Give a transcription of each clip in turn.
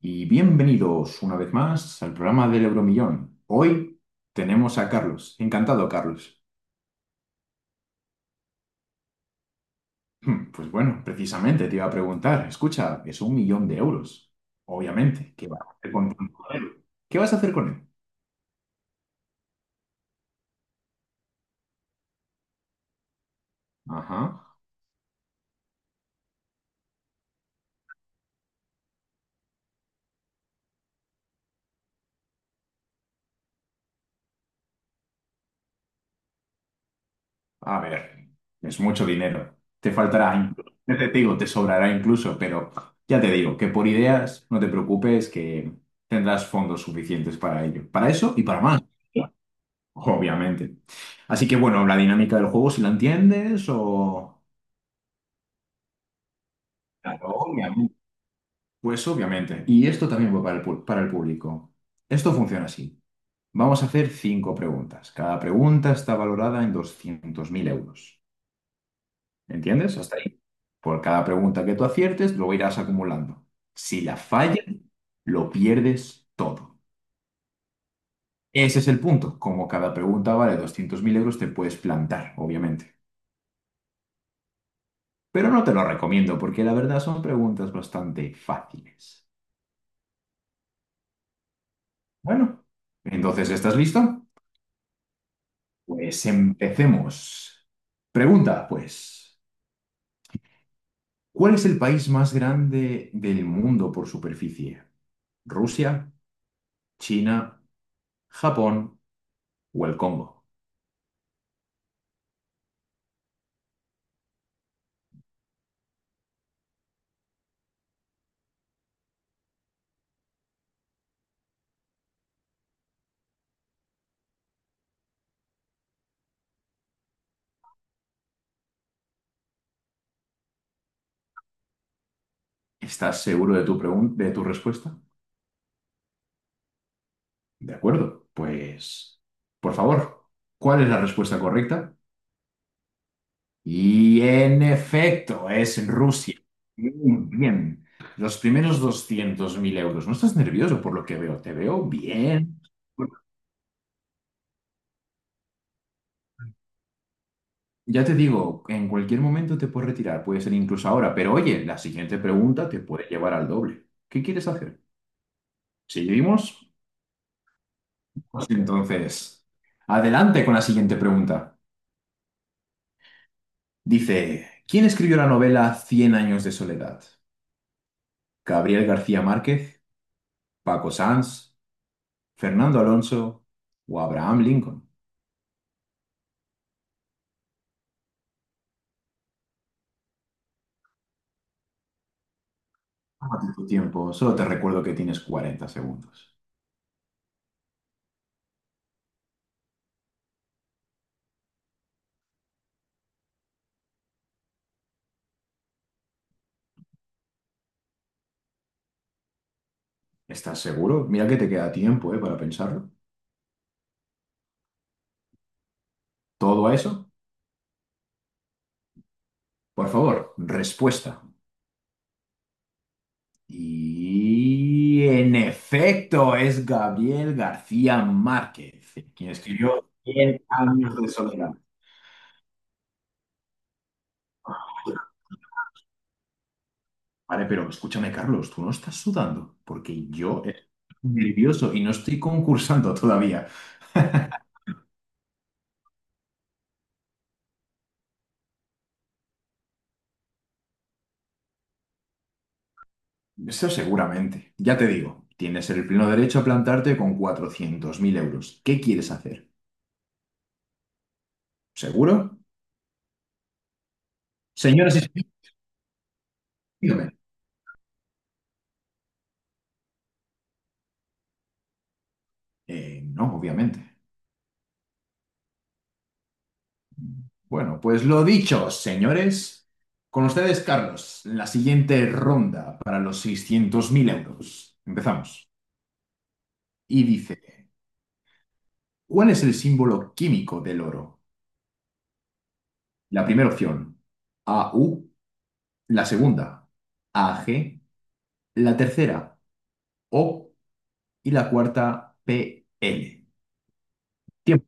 Y bienvenidos una vez más al programa del Euromillón. Hoy tenemos a Carlos. Encantado, Carlos. Pues bueno, precisamente te iba a preguntar, escucha, es un millón de euros. Obviamente, ¿qué vas a hacer con tanto dinero? ¿Qué vas a hacer con él? Ajá. A ver, es mucho dinero. Te faltará, incluso, te digo, te sobrará incluso, pero ya te digo que por ideas no te preocupes que tendrás fondos suficientes para ello. Para eso y para más. Obviamente. Así que bueno, la dinámica del juego, si la entiendes o... Claro, obviamente. Pues obviamente. Y esto también va para el público. Esto funciona así. Vamos a hacer cinco preguntas. Cada pregunta está valorada en 200.000 euros. ¿Entiendes? Hasta ahí. Por cada pregunta que tú aciertes, lo irás acumulando. Si la fallas, lo pierdes todo. Ese es el punto. Como cada pregunta vale 200.000 euros, te puedes plantar, obviamente. Pero no te lo recomiendo porque la verdad son preguntas bastante fáciles. Bueno, entonces, ¿estás listo? Pues empecemos. Pregunta, pues, ¿cuál es el país más grande del mundo por superficie? ¿Rusia, China, Japón o el Congo? ¿Estás seguro de tu respuesta? De acuerdo, pues, por favor, ¿cuál es la respuesta correcta? Y en efecto, es Rusia. Bien, bien. Los primeros 200.000 euros. ¿No estás nervioso por lo que veo? Te veo bien. Bueno, ya te digo, en cualquier momento te puedes retirar, puede ser incluso ahora, pero oye, la siguiente pregunta te puede llevar al doble. ¿Qué quieres hacer? ¿Seguimos? Pues entonces, adelante con la siguiente pregunta. Dice, ¿quién escribió la novela Cien años de soledad? ¿Gabriel García Márquez? ¿Paco Sanz? Fernando Alonso o Abraham Lincoln. Tómate tu tiempo, solo te recuerdo que tienes 40 segundos. ¿Estás seguro? Mira que te queda tiempo, para pensarlo. ¿Todo a eso? Por favor, respuesta. Y en efecto, es Gabriel García Márquez, quien escribió Cien años de soledad. Vale, pero escúchame, Carlos, tú no estás sudando, porque yo estoy nervioso y no estoy concursando todavía. Eso seguramente. Ya te digo, tienes el pleno derecho a plantarte con 400.000 euros. ¿Qué quieres hacer? ¿Seguro? Señoras y señores, dígame. No, obviamente. Bueno, pues lo dicho, señores. Con ustedes, Carlos, la siguiente ronda para los 600.000 euros. Empezamos. Y dice, ¿cuál es el símbolo químico del oro? La primera opción, AU. La segunda, AG. La tercera, O. Y la cuarta, PL. Tiempo.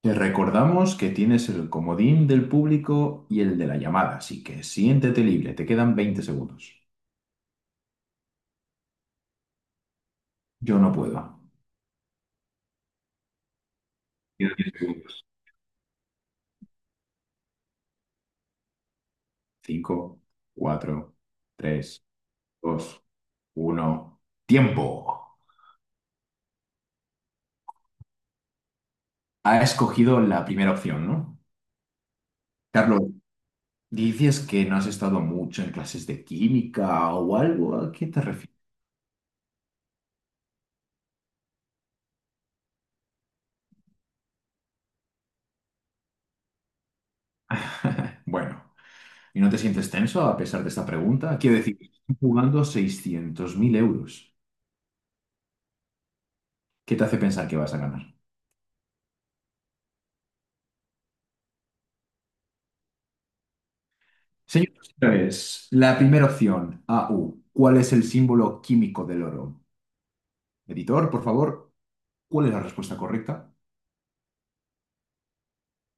Te recordamos que tienes el comodín del público y el de la llamada, así que siéntete libre, te quedan 20 segundos. Yo no puedo. Quedan 10 segundos. 5, 4, 3, 2, 1. ¡Tiempo! Ha escogido la primera opción, ¿no? Carlos, dices que no has estado mucho en clases de química o algo. ¿A qué te refieres? Bueno. ¿Y no te sientes tenso a pesar de esta pregunta? Quiero decir, estás jugando 600.000 euros. ¿Qué te hace pensar que vas a ganar? Señor, señores, la primera opción, AU. ¿Cuál es el símbolo químico del oro? Editor, por favor, ¿cuál es la respuesta correcta?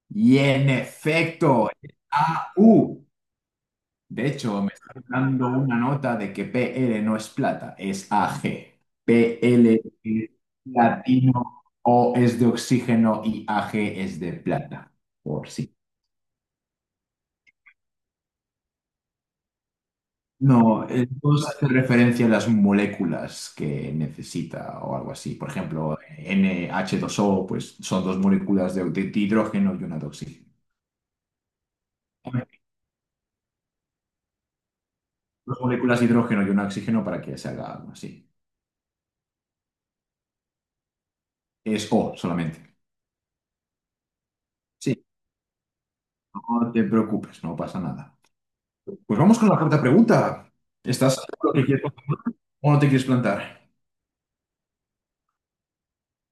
Y en efecto, es AU. De hecho, me está dando una nota de que PL no es plata, es AG. PL es platino, O es de oxígeno y AG es de plata. Por si No, el dos hace referencia a las moléculas que necesita o algo así. Por ejemplo, NH2O, pues son dos moléculas de hidrógeno y una de oxígeno. Dos moléculas de hidrógeno y una de oxígeno para que se haga algo así. Es O solamente. Sí, no te preocupes, no pasa nada. Pues vamos con la cuarta pregunta. ¿Estás seguro que quieres o no te quieres plantar?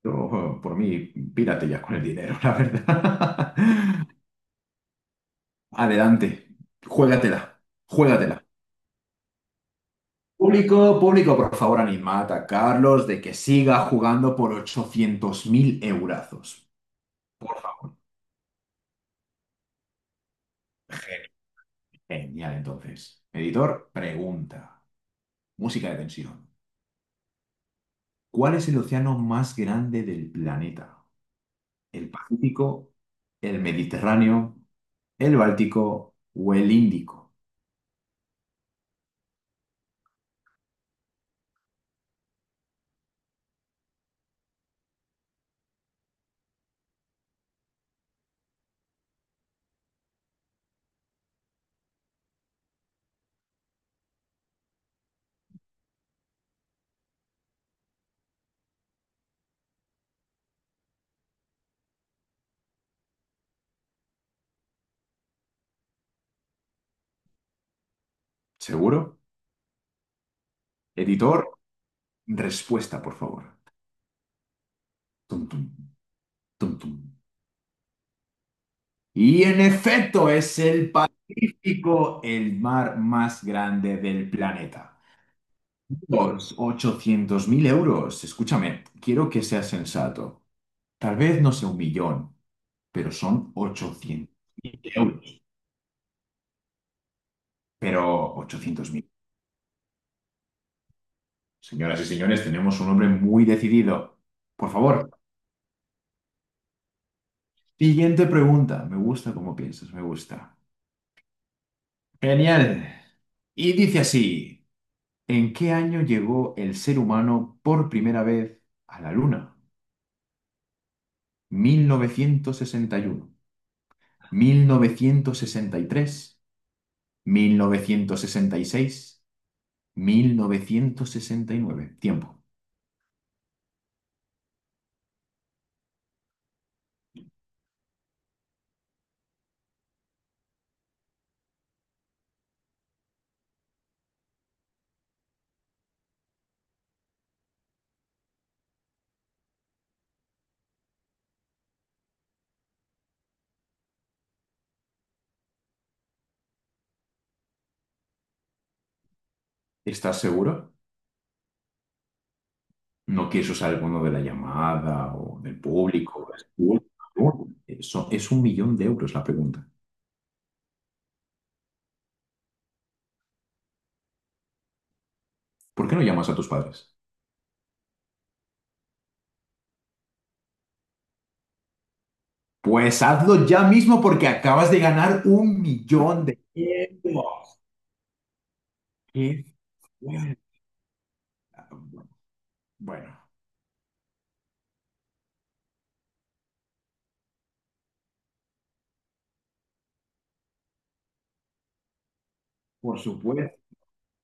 Yo, por mí, pírate ya con el dinero, la verdad. Adelante, juégatela, juégatela. Público, público, por favor, animad a Carlos de que siga jugando por 800.000 eurazos. Genial, entonces. Editor, pregunta. Música de tensión. ¿Cuál es el océano más grande del planeta? ¿El Pacífico, el Mediterráneo, el Báltico o el Índico? ¿Seguro? Editor, respuesta, por favor. Tum, tum, tum, tum. Y en efecto, es el Pacífico, el mar más grande del planeta. Los 800 mil euros. Escúchame, quiero que seas sensato. Tal vez no sea un millón, pero son 800 euros. Pero 800.000. Señoras y señores, tenemos un hombre muy decidido. Por favor, siguiente pregunta. Me gusta cómo piensas, me gusta. Genial. Y dice así. ¿En qué año llegó el ser humano por primera vez a la Luna? ¿1961, 1963, 1966, 1969? Tiempo. ¿Estás seguro? ¿No quieres usar alguno de la llamada o del público? Eso es un millón de euros la pregunta. ¿Por qué no llamas a tus padres? Pues hazlo ya mismo porque acabas de ganar un millón de euros. ¡Qué Bueno, por supuesto,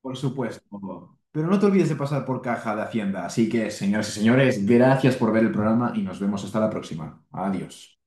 por supuesto. Pero no te olvides de pasar por caja de Hacienda. Así que, señoras y señores, gracias por ver el programa y nos vemos hasta la próxima. Adiós.